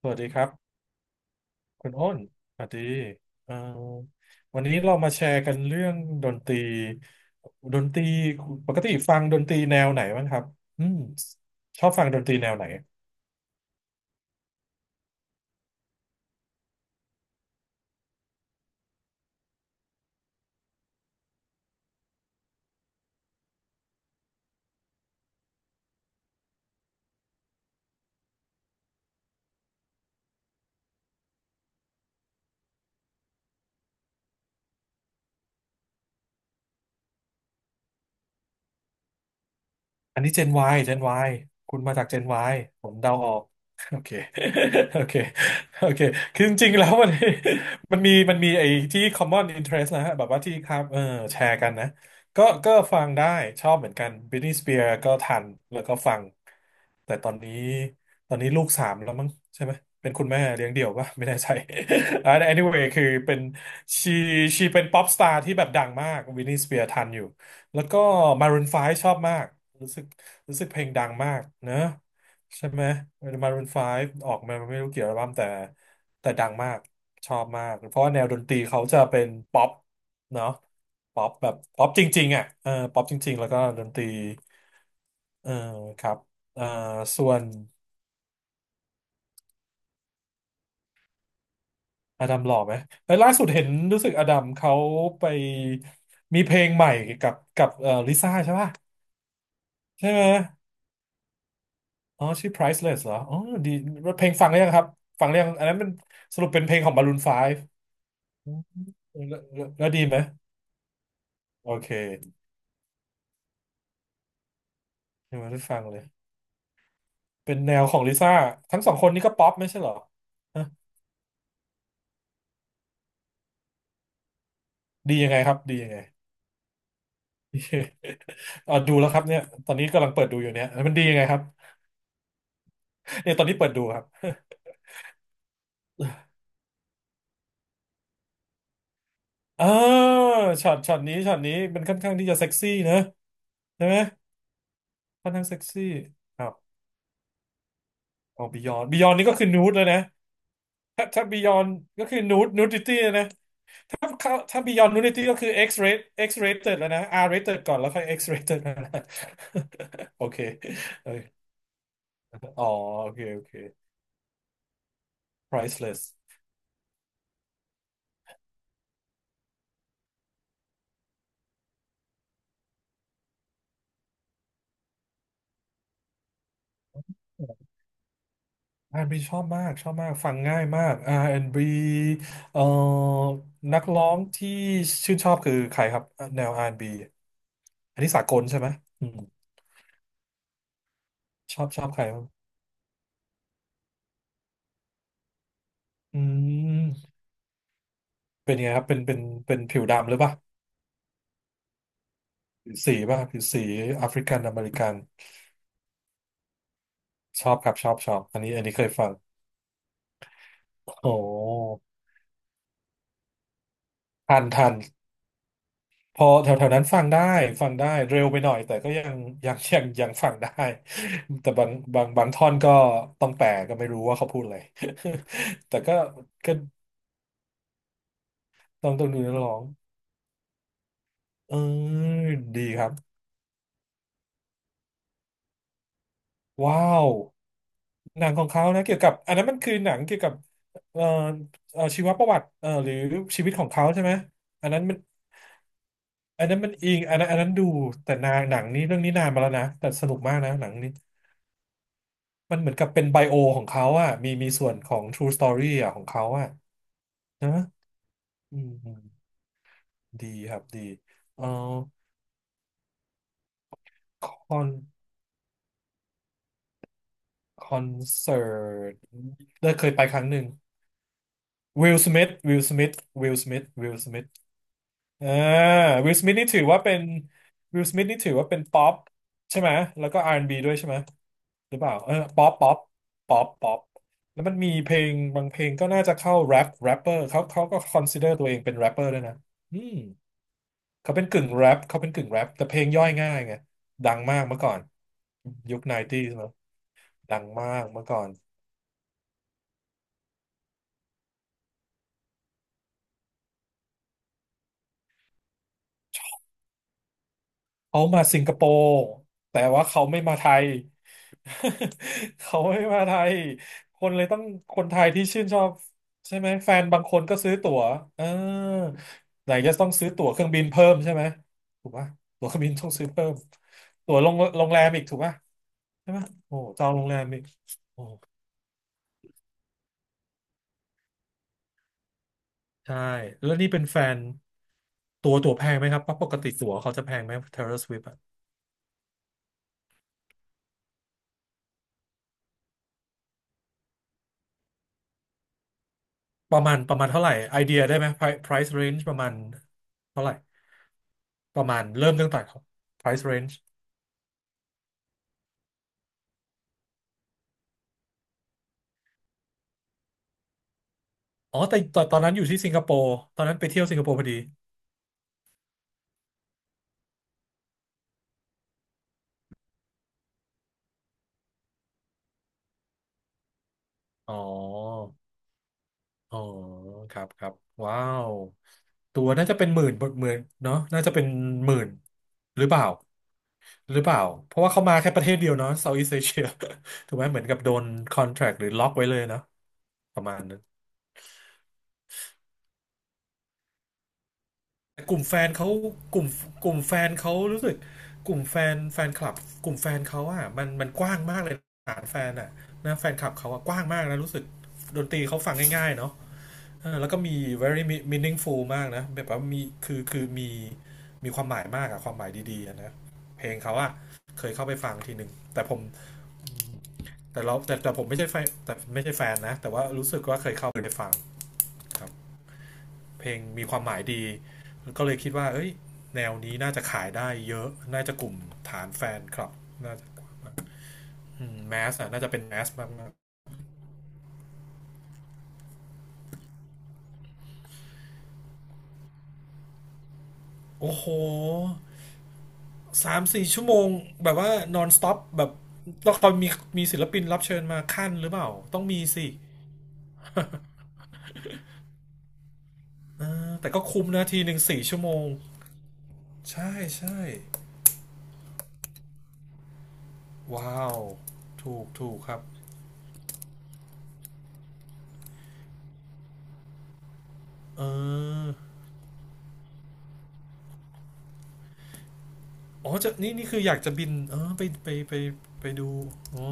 สวัสดีครับคุณอ้นสวัสดีเอ่อวันนี้เรามาแชร์กันเรื่องดนตรีดนตรีปกติฟังดนตรีแนวไหนบ้างครับอืมชอบฟังดนตรีแนวไหน อันนี้เจน Y เจน Y คุณมาจากเจน Y ผมเดาออก โอเค โอเค โอเคคือจริงๆแล้วมัน มีมันมีไอ้ที่ common interest นะฮะแบบว่าที่ครับเออแชร์กันนะก็ฟังได้ ชอบเหมือนกัน Britney Spears ก็ทัน แล้วก็ฟัง แต่ตอนนี้ ตอนนี้ลูกสามแล้วมั้งใช่ไหม เป็นคุณแม่เลี้ยงเดี่ยวปะไม่แน่ใจ อ่า anyway คือเป็น she she เป็น pop star ที่แบบดังมาก Britney Spears ทันอยู่ แล้วก็ Maroon 5ชอบมากรู้สึกรู้สึกเพลงดังมากเนอะใช่ไหม Maroon 5ออกมาไม่รู้กี่อัลบั้มแต่ดังมากชอบมากเพราะว่าแนวดนตรีเขาจะเป็นป๊อปเนาะป๊อปแบบป๊อปจริงๆอ่ะเออป๊อปจริงๆแล้วก็ดนตรีเออครับเออส่วนอดัมหล่อไหมเอ้ยล่าสุดเห็นรู้สึกอดัมเขาไปมีเพลงใหม่กับลิซ่าใช่ป่ะใช่ไหม อ๋อชื่อ Priceless เหรออ๋อดีเพลงฟังหรือยังครับฟังหรือยังอันนั้นมันสรุปเป็นเพลงของ Maroon 5อืมแล้วดีไหมโอเคยังไม่ได้ฟังเลยเป็นแนวของลิซ่าทั้งสองคนนี้ก็ป๊อปไม่ใช่เหรอฮะดียังไงครับดียังไง อ่ะดูแล้วครับเนี่ยตอนนี้กำลังเปิดดูอยู่เนี่ยมันดียังไงครับเนี่ยตอนนี้เปิดดูครับอ่าช็อตนี้ช็อตนี้มันค่อนข้างที่จะเซ็กซี่นะใช่ไหมค่อนข้างเซ็กซี่ครับเอาบิยอนบิยอนนี่ก็คือนูดเลยนะ ถ้าบียอนก็คือนู d นูดิตี้นะ ถ้าเขาถ้าบียอนนูดิตี้ก็คือ X rate X rated แล้วนะ R rated ก่อนแล้วค่อย X rated นะ โอเคเอออ๋อโอเคโอเค priceless R&B ชอบมากชอบมากฟังง่ายมาก R&B เอ่อนักร้องที่ชื่นชอบคือใครครับแนว R&B อนด์บีอันนี้สากลใช่ไหมอืมชอบชอบใครบ้างอืมเป็นยังไงครับเป็นเป็นผิวดำหรือเปล่าผิวสีป่ะผิวสีแอฟริกันอเมริกัน ชอบครับชอบชอบอันนี้เคยฟังโอ้ทันทันพอแถวแถวนั้นฟังได้ฟังได้เร็วไปหน่อยแต่ก็ยังยังฟังได้แต่บางท่อนก็ต้องแปลก็ไม่รู้ว่าเขาพูดอะไร แต่ก็ก็ต้องดูนักร้องเออดีครับว้าวหนังของเขานะเกี่ยวกับอันนั้นมันคือหนังเกี่ยวกับเอ่อชีวประวัติหรือชีวิตของเขาใช่ไหมอันนั้นมัน อันนั้นมันอิงอันนั้นดูแต่นางหนังนี้เรื่องนี้นานมาแล้วนะแต่สนุกมากนะหนังนี้มันเหมือนกับเป็นไบโอของเขาอ่ะมีส่วนของ True Story อ่ะของเขาอะนะอืมอืมดีครับดีเอ่อคอนคอนเสิร์ตได้เคยไปครั้งหนึ่งวิลสมิธวิลสมิธวิลสมิธวิลสมิธอ่าวิลสมิธนี่ถือว่าเป็นวิลสมิธนี่ถือว่าเป็นป๊อปใช่ไหมแล้วก็ R&B ดบีด้วยใช่ไหม หรือเปล่าเออป๊อปป๊อปแล้วมันมีเพลงบางเพลงก็น่าจะเข้าแรปแรปเปอร์เขาก็คอนซิเดอร์ตัวเองเป็นแรปเปอร์ด้วยนะอืมเขาเป็นกึ่งแรปเขาเป็นกึ่งแรปแต่เพลงย่อยง่ายไงดังมากเมื่อก่อนยุคไนตี้เนอะดังมากเมื่อก่อนเขามาสิงคโปร์แต่ว่าเขาไม่มาไทย เขาไม่มาไทยคนเลยต้องคนไทยที่ชื่นชอบใช่ไหมแฟนบางคนก็ซื้อตั๋วเออไหนจะต้องซื้อตั๋วเครื่องบินเพิ่มใช่ไหมถูกปะตั๋วเครื่องบินต้องซื้อเพิ่มตั๋วโรงแรมอีกถูกปะใช่ปะโอ้จองโรงแรมอีกโอ้ใช่แล้วนี่เป็นแฟนตั๋วแพงไหมครับปกติตั๋วเขาจะแพงไหม Taylor Swift อะประมาณเท่าไหร่ไอเดียได้ไหม price range ประมาณเท่าไหร่ประมาณเริ่มตั้งแต่ price range อ๋อแต่ตอนนั้นอยู่ที่สิงคโปร์ตอนนั้นไปเที่ยวสิงคโปร์พอดีอ๋ออ๋อครับครับว้าวตัวน่าจะเป็นหมื่นหมื่นเนาะน่าจะเป็นหมื่นหรือเปล่าหรือเปล่าเพราะว่าเขามาแค่ประเทศเดียวเนาะเซอีสเอเชีย ถูกไหมเหมือนกับโดนคอนแทรคหรือล็อกไว้เลยเนาะประมาณนั้นแต่กลุ่มแฟนเขากลุ่มกลุ่มแฟนเขารู้สึกกลุ่มแฟนแฟนคลับกลุ่มแฟนเขาอ่ะมันกว้างมากเลยฐานแฟนอ่ะนะแฟนคลับเขาอ่ะกว้างมากนะรู้สึกดนตรีเขาฟังง่ายๆเนาะ เออแล้วก็มี very meaningful มากนะแบบว่ามีคือมีมีความหมายมากอะความหมายดีๆอะนะเพลงเขาอะเคยเข้าไปฟังทีหนึ่ง แต่ผมแต่เราแต่แต่ผมไม่ใช่แฟนแต่ไม่ใช่แฟนนะ แต่ว่ารู้สึกว่าเคยเข้าไปฟังครับเพลงมีความหมายดีก็เลยคิดว่าเอ้ยแนวนี้น่าจะขายได้เยอะ น่าจะกลุ่มฐานแฟนคลับน่าจะแมสอะน่าจะเป็นแมสมากๆโอ้โห สามสี่ชั่วโมงแบบว่านอนสต็อปแบบตอนมีมีศิลปินรับเชิญมาขั้นหรือเปล่าต้องมีสิแต่ก็คุ้มนะทีหนึ่งสี่ชั่วโมงใช่ใช่ว้าวถูกครับเอออ๋อจะนี่นี่คืออยากจะบินไปไปดูอ๋อ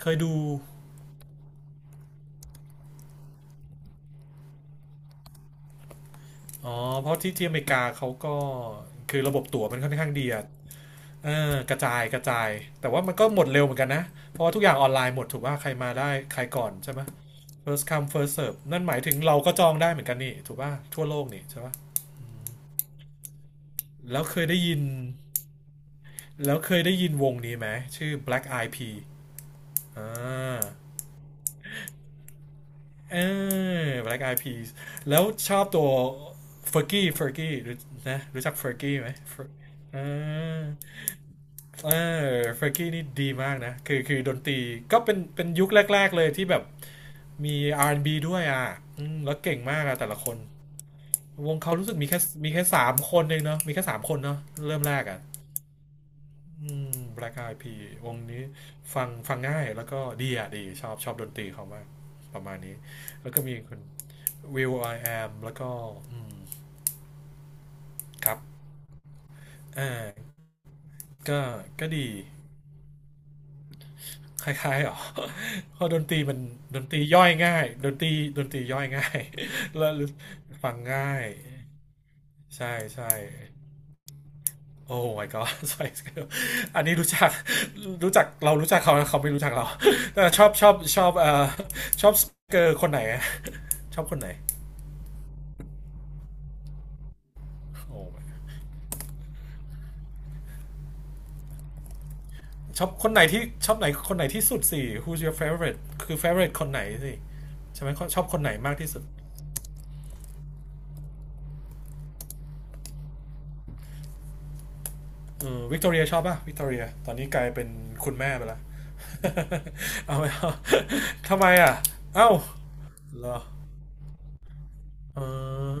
เคยดูอ๋อเพราะที่อเมริกาเขาก็คือระบบตั๋วมันค่อนข้างดีอะเออกระจายแต่ว่ามันก็หมดเร็วเหมือนกันนะเพราะว่าทุกอย่างออนไลน์หมดถูกว่าใครมาได้ใครก่อนใช่ไหม first come first serve นั่นหมายถึงเราก็จองได้เหมือนกันนี่ถูกป่ะทั่วโลกนี่ใช่ป่ะแล้วเคยได้ยินแล้วเคยได้ยินวงนี้ไหมชื่อ Black Eyed Peas อ่าเออ Black Eyed Peas แล้วชอบตัว f e r g i e รู้นะรู้จัก f e r g i e ไหม เออเออ f e r กี้นี่ดีมากนะคือดนตรีก็เป็นยุคแรกๆเลยที่แบบมี R&B ดบีด้วยอ่ะอืมแล้วเก่งมากอะแต่ละคน วงเขารู้สึกมีแค่สามคนเองเนาะมีแค่สามคนเนาะเริ่มแรกอ่ะแบล็กไอืม Black e y e p วงนี้ฟังง่าย แล้วก็ดีอ่ะดี ชอบ ชอบดนตรีเขามากประมาณนี้ แล้วก็มีคน Will I Am แล้วก็อืมครับอ่าก็ก็ดี คล้ายๆ หรอ เพราะดนตรีมัน ดนตรีย่อยง่าย ดนตรีย่อยง่าย แล้วฟังง่าย ใช่ใช่ โอ้ my god สไป c ์เก r l อันนี้รู้จักรู้จักเรารู้จักเขาเขาไม่รู้จักเราแต่ชอบชอบชอบสเกอร์คนไหนอะชอบคนไหนโอ้ชอบคนไหนที่ชอบไหนคนไหนที่สุดสิ Who's your favorite คือ favorite คนไหนสิใช่ไหมชอบคนไหนมากที่สุดเออวิกตอเรียชอบป่ะวิกตอเรียตอนนี้กลายเป็นคุณแม่ไปและ เอาไม่เอา ทำไมอ่ะเอ้าเหรอเออ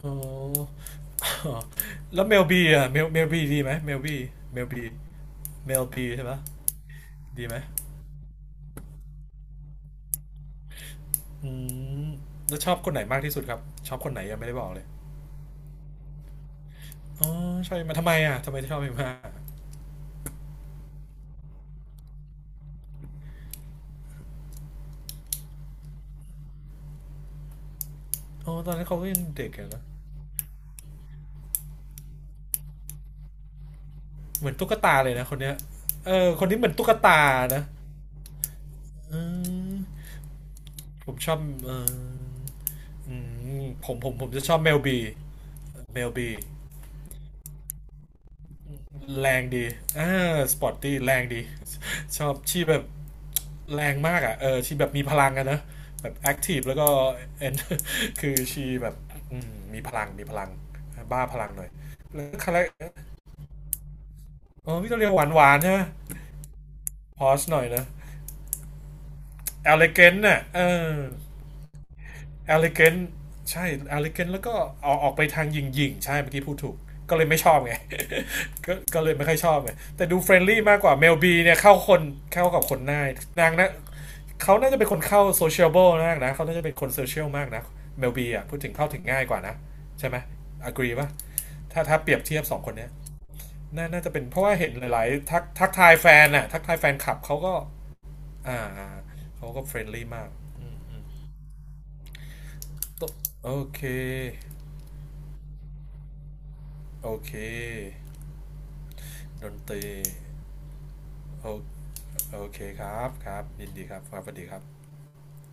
โอ้ แล้วเมลบีอ่ะเมลบีดีไหมเมลบีเมลบีเมลบีใช่ปะดีไหมอืมแล้วชอบคนไหนมากที่สุดครับชอบคนไหนยังไม่ได้บอกเลยอ๋อชอบมาทำไมอ่ะทำไมถึงชอบเอมมาอ๋อตอนนั้นเขาก็ยังเด็กอยะนะเหมือนตุ๊กตาเลยนะคนเนี้ยเออคนนี้เหมือนตุ๊กตานะอืมผมชอบเอออืมผมจะชอบเมลบีเมลบีแรงดีอ่าสปอร์ตตี้แรงดี ชอบชีแบบ แรงมากอ่ะเออชีแบบมีพลังอะนะแบบแอคทีฟแล้วก็เอน คือชีแบบอืมมีพลังบ้าพลังหน่อยแล้วคาแรคเออว่ตาเรียกหวานใช่ไหมพอสหน่อยนะ e อลิเกนน่ะเออ e อลิเกนใช่ e อลิเกนแล้วก็ออกไปทางหยิงๆใช่เมื่อกี้พูดถูกก็เลยไม่ชอบไง ก็เลยไม่ค่อยชอบไงแต่ดูเฟรนลี่มากกว่าเมลบีเนี่ยเข้าคนเข้ากับคนง่ายนางนะ เขาน่าจะเป็นคนเข้าโซเชียลเบลมากนะ เขาน่าจะเป็นคนโซเชียลมากนะเมลบีอ่ะพูดถึงเข้าถึงง่ายกว่านะใช่ไหมอ g r e e ป่ะถ้าเปรียบเทียบสองคนเนี้ยนาน่าจะเป็นเพราะว่าเห็นหลายๆทักทายแฟนน่ะทักทายแฟนคลับเขาก็อ่าเขาก็เฟรนลี่มากอืมโอเคโอเคดนตรีโอโอเคครับครับยินดีครับครับสวัสดีครับ